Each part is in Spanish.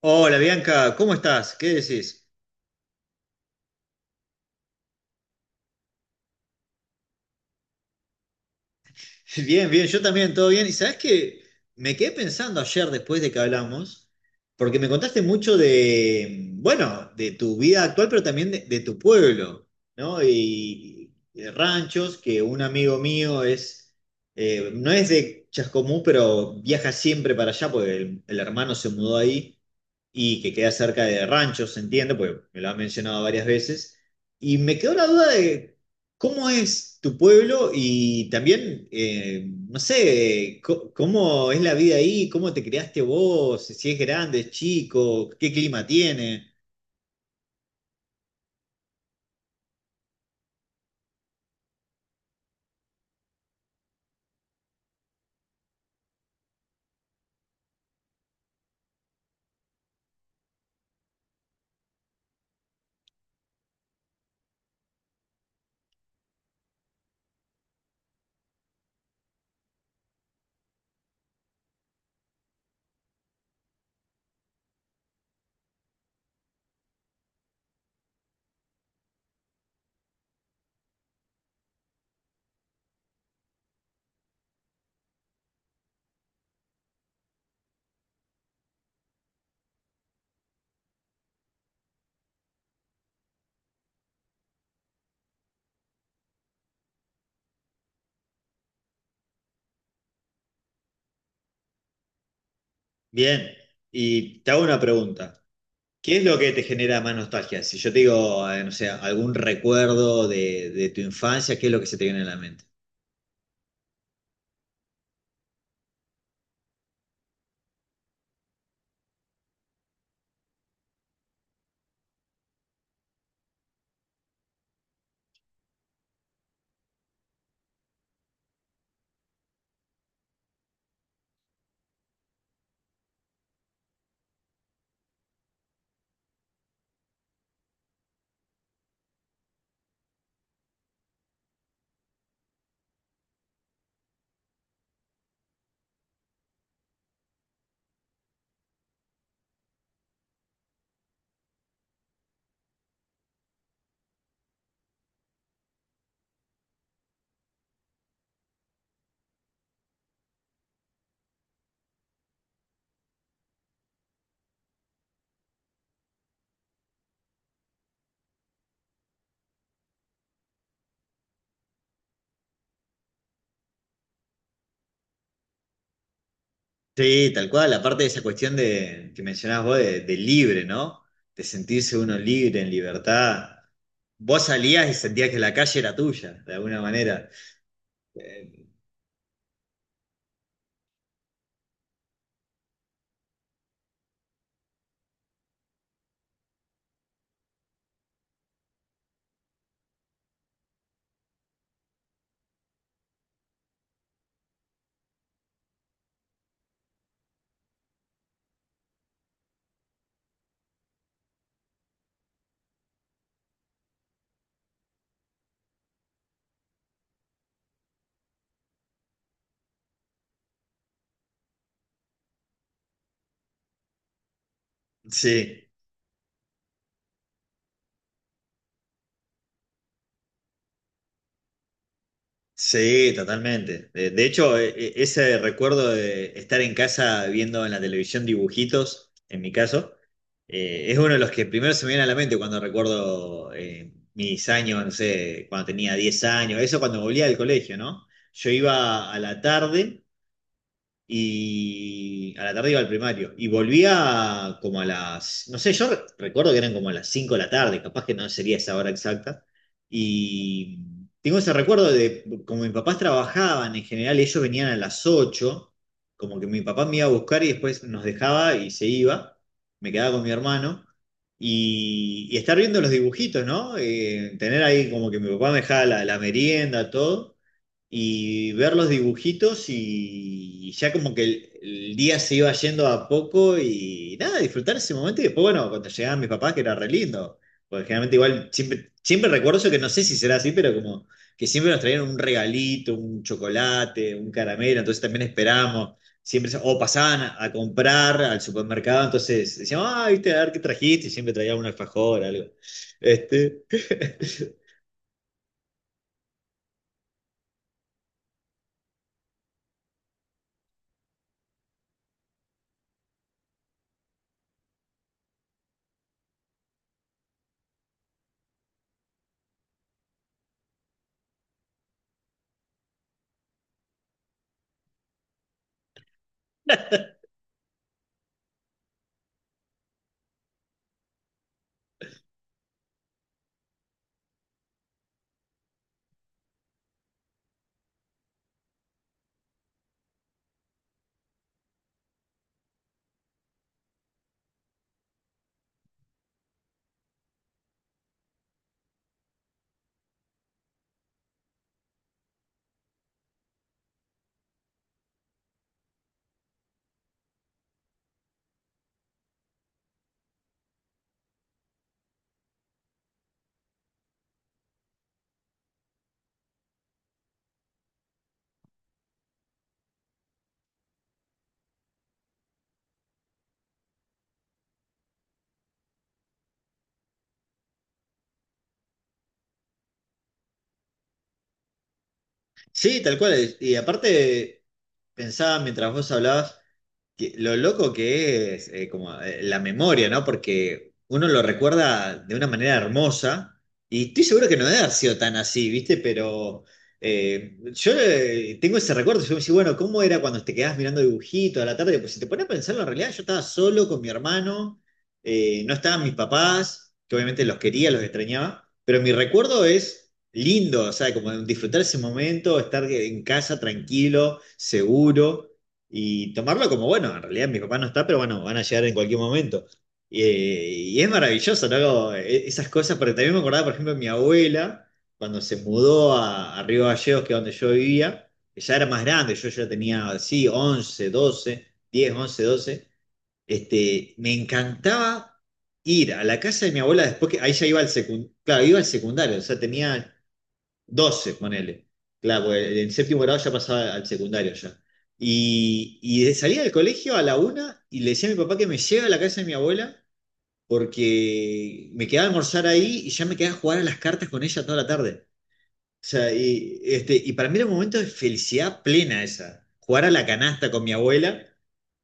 Hola Bianca, ¿cómo estás? ¿Qué decís? Bien, bien, yo también, todo bien. Y sabés que me quedé pensando ayer después de que hablamos, porque me contaste mucho de, bueno, de tu vida actual, pero también de tu pueblo, ¿no? Y de ranchos, que un amigo mío es, no es de Chascomú, pero viaja siempre para allá, porque el hermano se mudó ahí. Y que queda cerca de ranchos, se entiende, porque me lo han mencionado varias veces. Y me quedó la duda de cómo es tu pueblo y también, no sé, cómo es la vida ahí, cómo te criaste vos, si es grande, es chico, qué clima tiene. Bien, y te hago una pregunta. ¿Qué es lo que te genera más nostalgia? Si yo te digo, no sé, algún recuerdo de tu infancia, ¿qué es lo que se te viene a la mente? Sí, tal cual, aparte de esa cuestión de, que mencionabas vos de libre, ¿no? De sentirse uno libre, en libertad. Vos salías y sentías que la calle era tuya, de alguna manera. Eh, sí, sí, totalmente. De, hecho, ese recuerdo de estar en casa viendo en la televisión dibujitos, en mi caso, es uno de los que primero se me viene a la mente cuando recuerdo mis años, no sé, cuando tenía 10 años, eso cuando volvía del colegio, ¿no? Yo iba a la tarde. Y a la tarde iba al primario. Y volvía como a las, no sé, yo recuerdo que eran como a las 5 de la tarde, capaz que no sería esa hora exacta. Y tengo ese recuerdo de, como mis papás trabajaban, en general ellos venían a las 8, como que mi papá me iba a buscar y después nos dejaba y se iba. Me quedaba con mi hermano. Y estar viendo los dibujitos, ¿no? Tener ahí como que mi papá me dejaba la merienda, todo, y ver los dibujitos y ya como que el día se iba yendo a poco y nada, disfrutar ese momento y después, bueno, cuando llegaban mis papás, que era re lindo, porque generalmente igual siempre, siempre recuerdo eso, que no sé si será así, pero como que siempre nos traían un regalito, un chocolate, un caramelo, entonces también esperábamos. Siempre, o pasaban a comprar al supermercado, entonces decían, ah, viste, a ver qué trajiste, y siempre traían un alfajor, algo. Este... sí, tal cual. Y aparte, pensaba mientras vos hablabas, lo loco que es como la memoria, ¿no? Porque uno lo recuerda de una manera hermosa y estoy seguro que no debe haber sido tan así, ¿viste? Pero yo tengo ese recuerdo, yo me decía, bueno, ¿cómo era cuando te quedabas mirando dibujitos a la tarde? Pues si te pones a pensarlo, en realidad yo estaba solo con mi hermano, no estaban mis papás, que obviamente los quería, los extrañaba, pero mi recuerdo es lindo, o sea, como disfrutar ese momento, estar en casa tranquilo, seguro y tomarlo como, bueno, en realidad mi papá no está, pero bueno, van a llegar en cualquier momento. Y es maravilloso, ¿no? Como, esas cosas, porque también me acordaba, por ejemplo, de mi abuela, cuando se mudó a Río Gallegos, que es donde yo vivía, que ya era más grande, yo ya tenía, sí, 11, 12, 10, 11, 12, este, me encantaba ir a la casa de mi abuela después que, ahí ya iba al secundario, claro, iba al secundario, o sea, tenía 12 ponele. Claro, porque en séptimo grado ya pasaba al secundario ya. Y salía del colegio a la 1 y le decía a mi papá que me lleve a la casa de mi abuela porque me quedaba a almorzar ahí y ya me quedaba a jugar a las cartas con ella toda la tarde. O sea, y, este, y para mí era un momento de felicidad plena esa. Jugar a la canasta con mi abuela,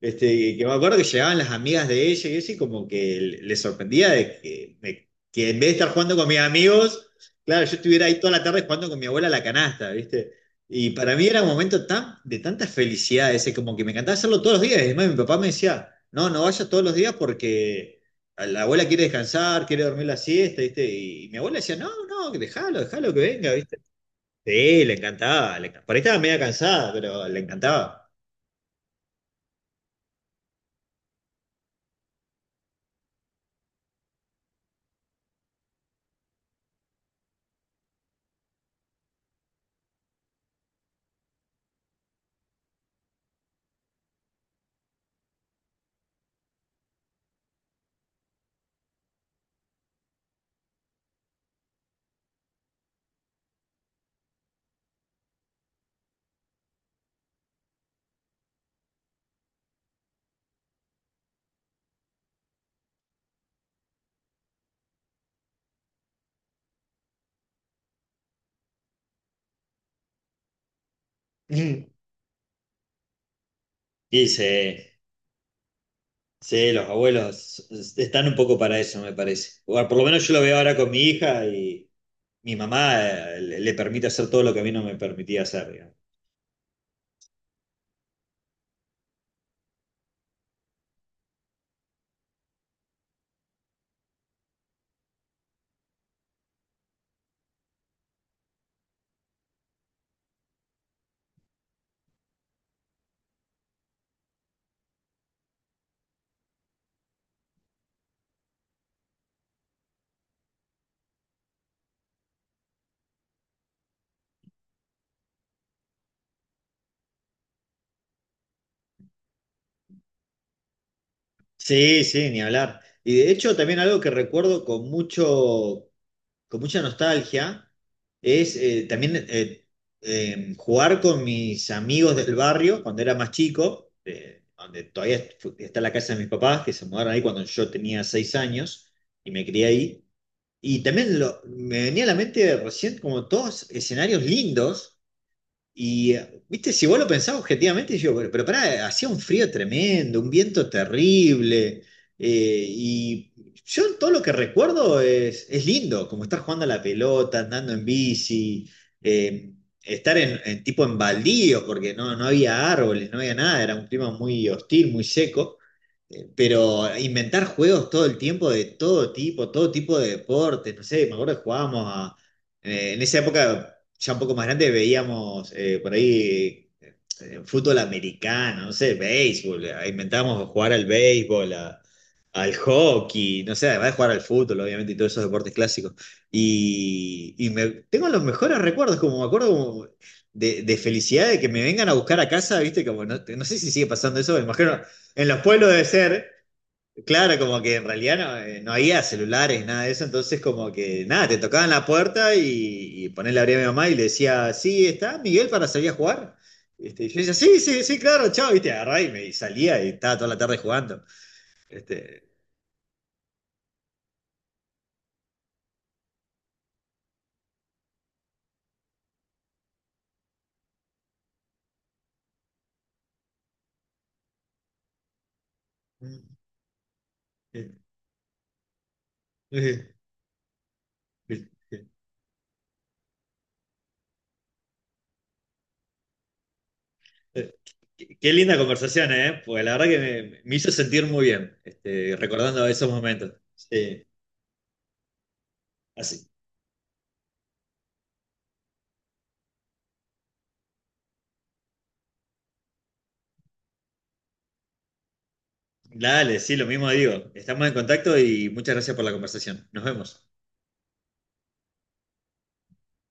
este, y que me acuerdo que llegaban las amigas de ella y eso, y como que le sorprendía de que en vez de estar jugando con mis amigos, claro, yo estuviera ahí toda la tarde jugando con mi abuela a la canasta, ¿viste? Y para mí era un momento tan, de tanta felicidad ese, como que me encantaba hacerlo todos los días. Y además mi papá me decía, no, no vayas todos los días porque la abuela quiere descansar, quiere dormir la siesta, ¿viste? Y mi abuela decía, no, no, que dejalo, dejalo que venga, ¿viste? Sí, le encantaba. Por ahí estaba media cansada, pero le encantaba. Y sí, sí, los abuelos están un poco para eso, me parece. O por lo menos yo lo veo ahora con mi hija y mi mamá le permite hacer todo lo que a mí no me permitía hacer, digamos. Sí, sí, ni hablar. Y de hecho también algo que recuerdo con mucho, con mucha nostalgia es también jugar con mis amigos del barrio cuando era más chico, donde todavía está la casa de mis papás, que se mudaron ahí cuando yo tenía 6 años y me crié ahí. Y también me venía a la mente recién como todos escenarios lindos y, viste, si vos lo pensás objetivamente, yo, pero pará, hacía un frío tremendo, un viento terrible, y yo todo lo que recuerdo es lindo, como estar jugando a la pelota, andando en bici, eh, estar en tipo en baldíos, porque no, no había árboles, no había nada, era un clima muy hostil, muy seco. Pero inventar juegos todo el tiempo de todo tipo de deportes, no sé, me acuerdo que jugábamos a, en esa época ya un poco más grande veíamos por ahí fútbol americano, no sé, béisbol, inventábamos jugar al béisbol, al hockey, no sé, además de jugar al fútbol, obviamente, y todos esos deportes clásicos. Y me, tengo los mejores recuerdos, como me acuerdo como de felicidad de que me vengan a buscar a casa, viste, como no, no sé si sigue pasando eso, me imagino, en los pueblos debe ser, claro, como que en realidad no, no había celulares, nada de eso, entonces como que nada, te tocaban la puerta y ponerle abría a mi mamá y le decía, sí, está Miguel para salir a jugar. Este, y yo decía, sí, sí, sí, claro, chao, viste, agarraba y me y salía y estaba toda la tarde jugando. Este, qué, qué linda conversación, ¿eh? Pues la verdad que me hizo sentir muy bien, este, recordando esos momentos. Sí. Así, dale, sí, lo mismo digo. Estamos en contacto y muchas gracias por la conversación. Nos vemos.